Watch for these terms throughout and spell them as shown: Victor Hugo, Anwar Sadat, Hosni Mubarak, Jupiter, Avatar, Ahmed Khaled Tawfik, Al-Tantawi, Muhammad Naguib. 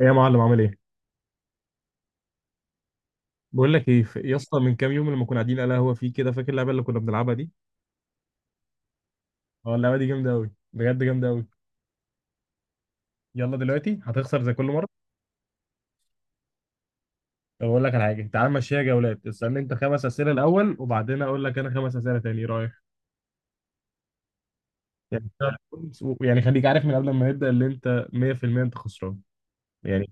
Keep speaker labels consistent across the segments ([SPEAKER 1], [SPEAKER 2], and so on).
[SPEAKER 1] ايه يا معلم، عامل ايه؟ بقول لك ايه، يا اسطى، من كام يوم لما كنا قاعدين على القهوه في كده، فاكر اللعبه اللي كنا بنلعبها دي؟ اه، اللعبه دي جامده قوي، بجد جامده قوي. يلا دلوقتي هتخسر زي كل مره. طب اقول لك على حاجه، تعال مشيها جولات، اسالني انت خمس اسئله الاول وبعدين اقول لك انا خمس اسئله تاني، ايه رايك؟ يعني يعني خليك عارف من قبل ما نبدا اللي انت 100% انت خسران. يعني،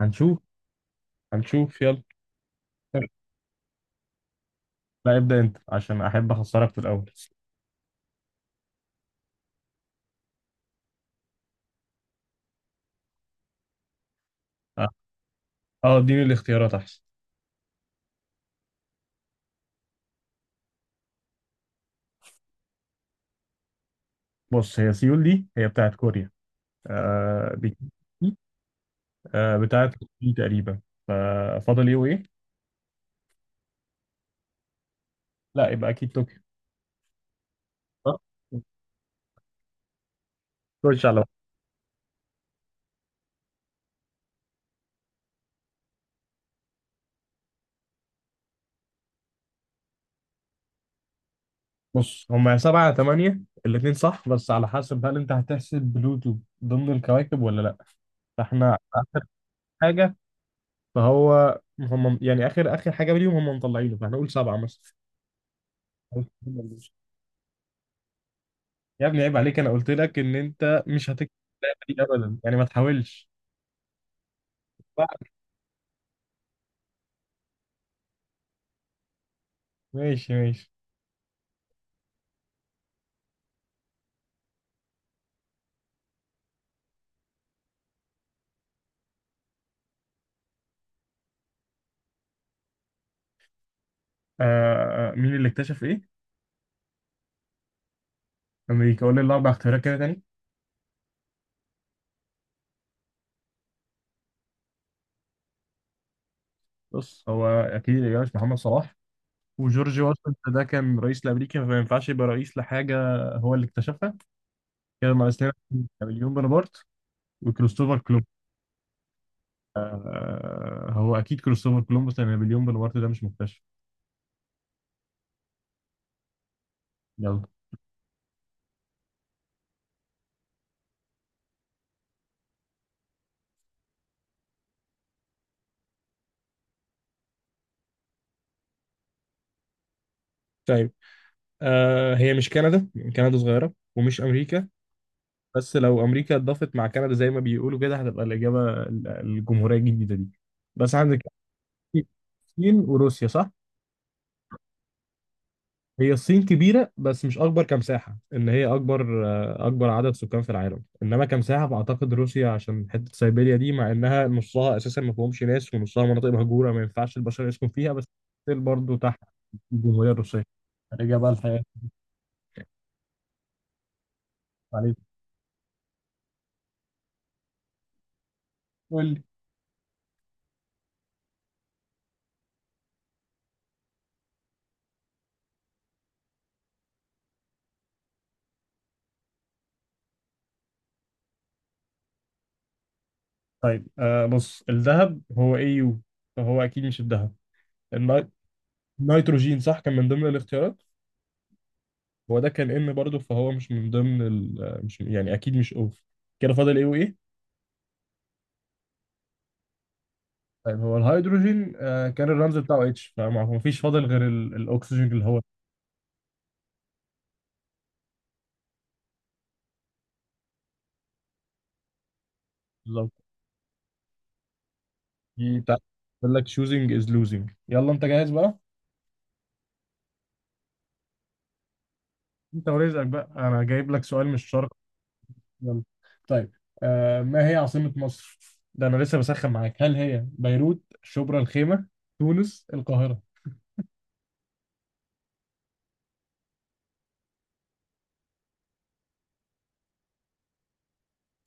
[SPEAKER 1] هنشوف. هنشوف يلا. لا ابدا انت، عشان احب اخسرك في الاول. اه، اه، اديني الاختيارات احسن. بص هي سيول دي هي بتاعت كوريا. آه، دي بتاعة طوكيو تقريبا. ففاضل ايه وايه؟ لا يبقى اكيد طوكيو. صح؟ خش على. بص هما سبعة تمانية الاتنين صح، بس على حسب هل انت هتحسب بلوتو ضمن الكواكب ولا لا. فاحنا اخر حاجة، فهو هم يعني اخر اخر حاجة ليهم، هم مطلعينه، فاحنا نقول سبعة مثلا. يا ابني عيب عليك، انا قلت لك ان انت مش هتكتب اللعبة دي ابدا، يعني ما تحاولش. ماشي، ماشي. مين اللي اكتشف ايه؟ امريكا. قول لي الاربع اختيارات كده تاني. بص هو اكيد الاجابه مش محمد صلاح، وجورج واشنطن ده كان رئيس لامريكا فما ينفعش يبقى رئيس لحاجه هو اللي اكتشفها. كده ناقصنا نابليون بونابرت وكريستوفر كولومبوس. هو اكيد كريستوفر كولومبوس، لان نابليون بونابرت ده مش مكتشف. يلا. طيب، هي مش كندا. كندا صغيرة، ومش أمريكا. بس لو أمريكا اتضافت مع كندا زي ما بيقولوا كده هتبقى الإجابة الجمهورية الجديدة دي. بس عندك الصين وروسيا، صح؟ هي الصين كبيرة بس مش أكبر كمساحة، إن هي أكبر عدد سكان في العالم، إنما كمساحة فأعتقد روسيا عشان حتة سيبيريا دي، مع إنها نصها أساسا ما فيهمش ناس، ونصها مناطق مهجورة ما ينفعش البشر يسكن فيها، بس برضه تحت الجمهورية الروسية الإجابة بقى الحقيقة. عليك. قول لي. طيب، بص الذهب هو اي يو، فهو أكيد مش الذهب. الني- النيتروجين صح كان من ضمن الاختيارات. هو ده كان ان برضه، فهو مش من ضمن ال... آه، مش يعني أكيد مش اوف. كده فاضل ايه وايه؟ طيب، هو الهيدروجين كان الرمز بتاعه اتش، فما ما فيش فاضل غير الاكسجين، اللي هو بالظبط. دي بتاع. بيقول لك choosing is losing. يلا انت جاهز بقى؟ انت ورزقك بقى، انا جايب لك سؤال مش شرط. يلا. طيب، ما هي عاصمة مصر؟ ده انا لسه بسخن معاك، هل هي بيروت، شبرا الخيمة، تونس، القاهرة؟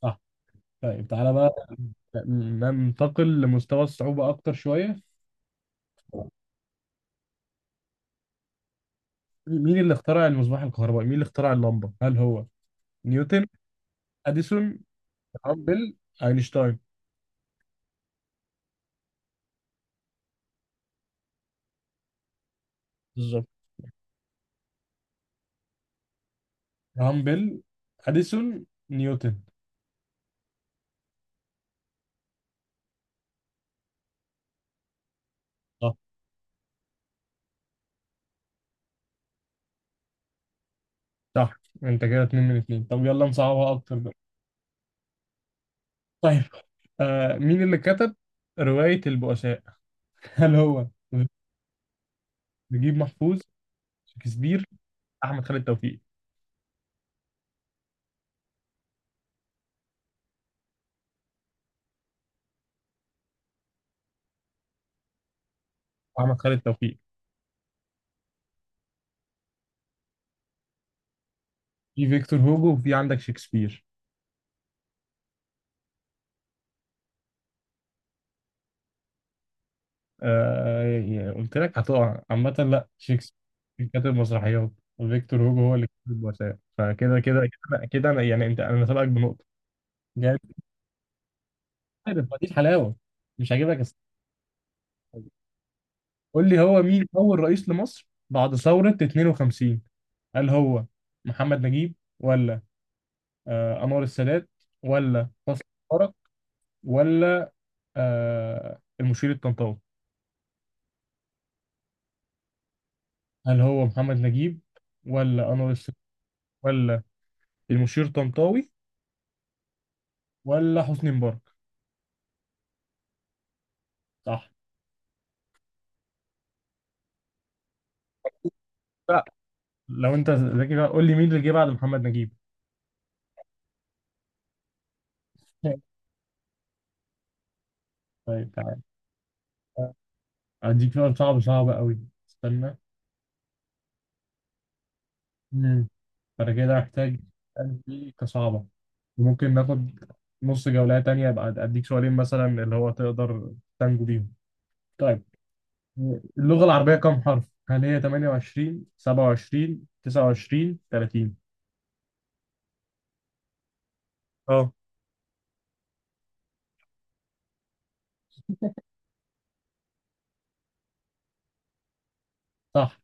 [SPEAKER 1] صح. طيب تعالى بقى ننتقل لمستوى الصعوبة اكتر شوية. مين اللي اخترع المصباح الكهربائي؟ مين اللي اخترع اللمبة؟ هل هو نيوتن، اديسون، هامبل، اينشتاين؟ بالظبط. هامبل، اديسون، نيوتن. صح. صح، انت كده اتنين من اتنين. طب يلا نصعبها اكتر بقى. طيب، مين اللي كتب رواية البؤساء؟ هل هو نجيب محفوظ، شكسبير، احمد خالد توفيق؟ احمد خالد توفيق، في فيكتور هوجو، وفي عندك شكسبير. يعني قلت لك هتقع عامة، لا شكسبير كاتب مسرحيات، وفيكتور هوجو هو اللي كاتب البؤساء، فكده كده كده كده انا يعني انا سابقك بنقطة. عارف، ما دي الحلاوه. مش هجيبك. قول لي، هو مين اول رئيس لمصر بعد ثوره 52؟ هل هو محمد نجيب، ولا انور السادات، ولا حسني مبارك، ولا المشير الطنطاوي؟ هل هو محمد نجيب، ولا انور السادات، ولا المشير الطنطاوي، ولا حسني مبارك؟ صح. لا لو انت ذكي بقى، قول لي مين اللي جه بعد محمد نجيب. طيب، تعالى اديك سؤال صعب، صعب قوي. استنى. فأنا كده هحتاج أسأل دي كصعبة، ممكن ناخد نص جولة تانية، أبقى أديك سؤالين مثلا، اللي هو تقدر تنجو بيهم. طيب، اللغة العربية كم حرف؟ هل هي 28، 27، 29، 30؟ اه. صح،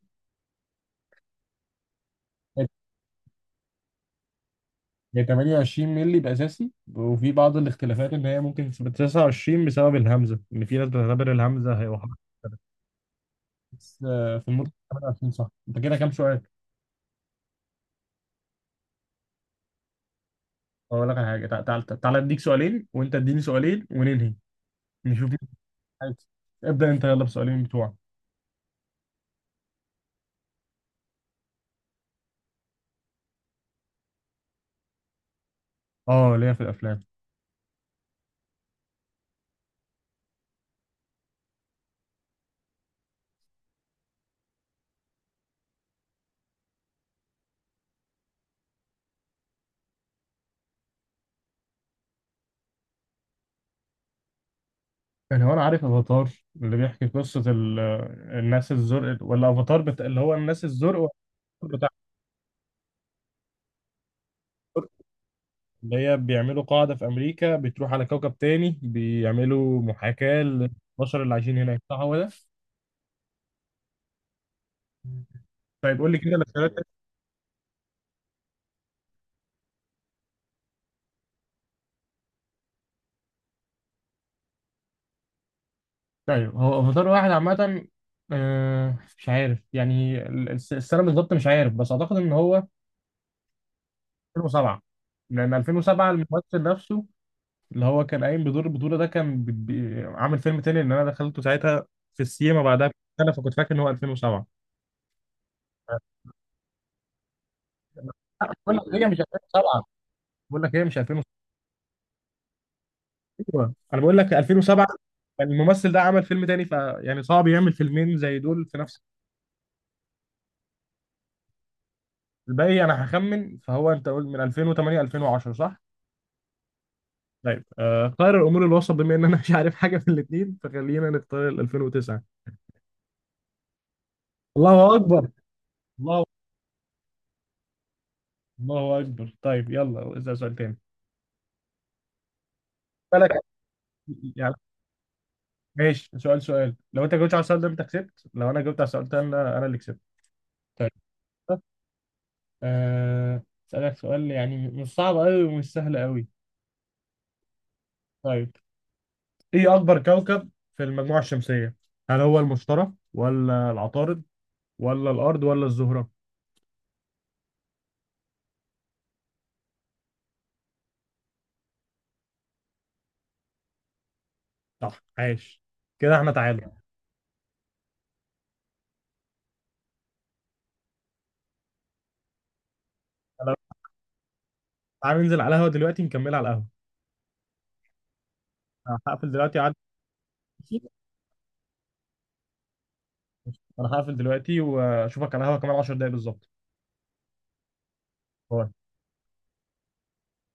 [SPEAKER 1] هي 28 مللي الأساسي، وفي بعض الاختلافات إن هي ممكن تبقى 29 بسبب الهمزة، إن في ناس بتعتبر الهمزة هي واحدة. بس في المطلق 28 صح. أنت كده كام سؤال؟ أقول لك على حاجة، تعالى أديك سؤالين، وأنت اديني سؤالين، وننهي، نشوف مين عايز. ابدأ انت يلا بسؤالين بتوعك. اه، ليا في الافلام. يعني هو انا عارف افاتار، اللي بيحكي قصة الناس الزرق، ولا افاتار اللي هو الناس الزرق، والأفاتار بتاع الزرق، اللي هي بيعملوا قاعدة في امريكا، بتروح على كوكب تاني، بيعملوا محاكاة للبشر اللي عايشين هناك، صح هو ده؟ طيب قول لي كده الاختيارات. طيب هو افاتار واحد عامة. مش عارف يعني السنة بالظبط، مش عارف، بس اعتقد ان هو 2007. لان 2007، الممثل نفسه، اللي هو كان قايم بدور البطولة ده كان عامل فيلم تاني اللي أنا دخلته ساعتها في السينما بعدها بسنة، فكنت فاكر إن هو 2007. لا، بقول لك هي مش 2007. بقول لك هي مش 2007. أيوة. أنا بقول لك 2007 كان الممثل ده عمل فيلم تاني، فيعني صعب يعمل فيلمين زي دول في نفس الباقي. أنا هخمن، فهو، أنت قول من 2008، 2010 صح؟ طيب، خير الأمور الوسط، بما إن أنا مش عارف حاجة في الاتنين فخلينا نختار ال 2009. الله أكبر. الله. الله أكبر. طيب يلا اسأل سؤال تاني. بالك. يعني ماشي، سؤال، لو انت جاوبت على السؤال ده انت كسبت، لو انا جاوبت على السؤال ده انا اللي كسبت. طيب، آه، اسالك سؤال يعني مش صعب قوي ومش سهل قوي. طيب، ايه اكبر كوكب في المجموعة الشمسية؟ هل هو المشتري، ولا العطارد، ولا الارض، ولا الزهرة؟ صح، عاش، كده احنا تعادل. أنا- تعال ننزل على القهوة دلوقتي نكمل على القهوة. أنا هقفل دلوقتي عاد. انا هقفل دلوقتي واشوفك على القهوة كمان 10 دقايق بالظبط.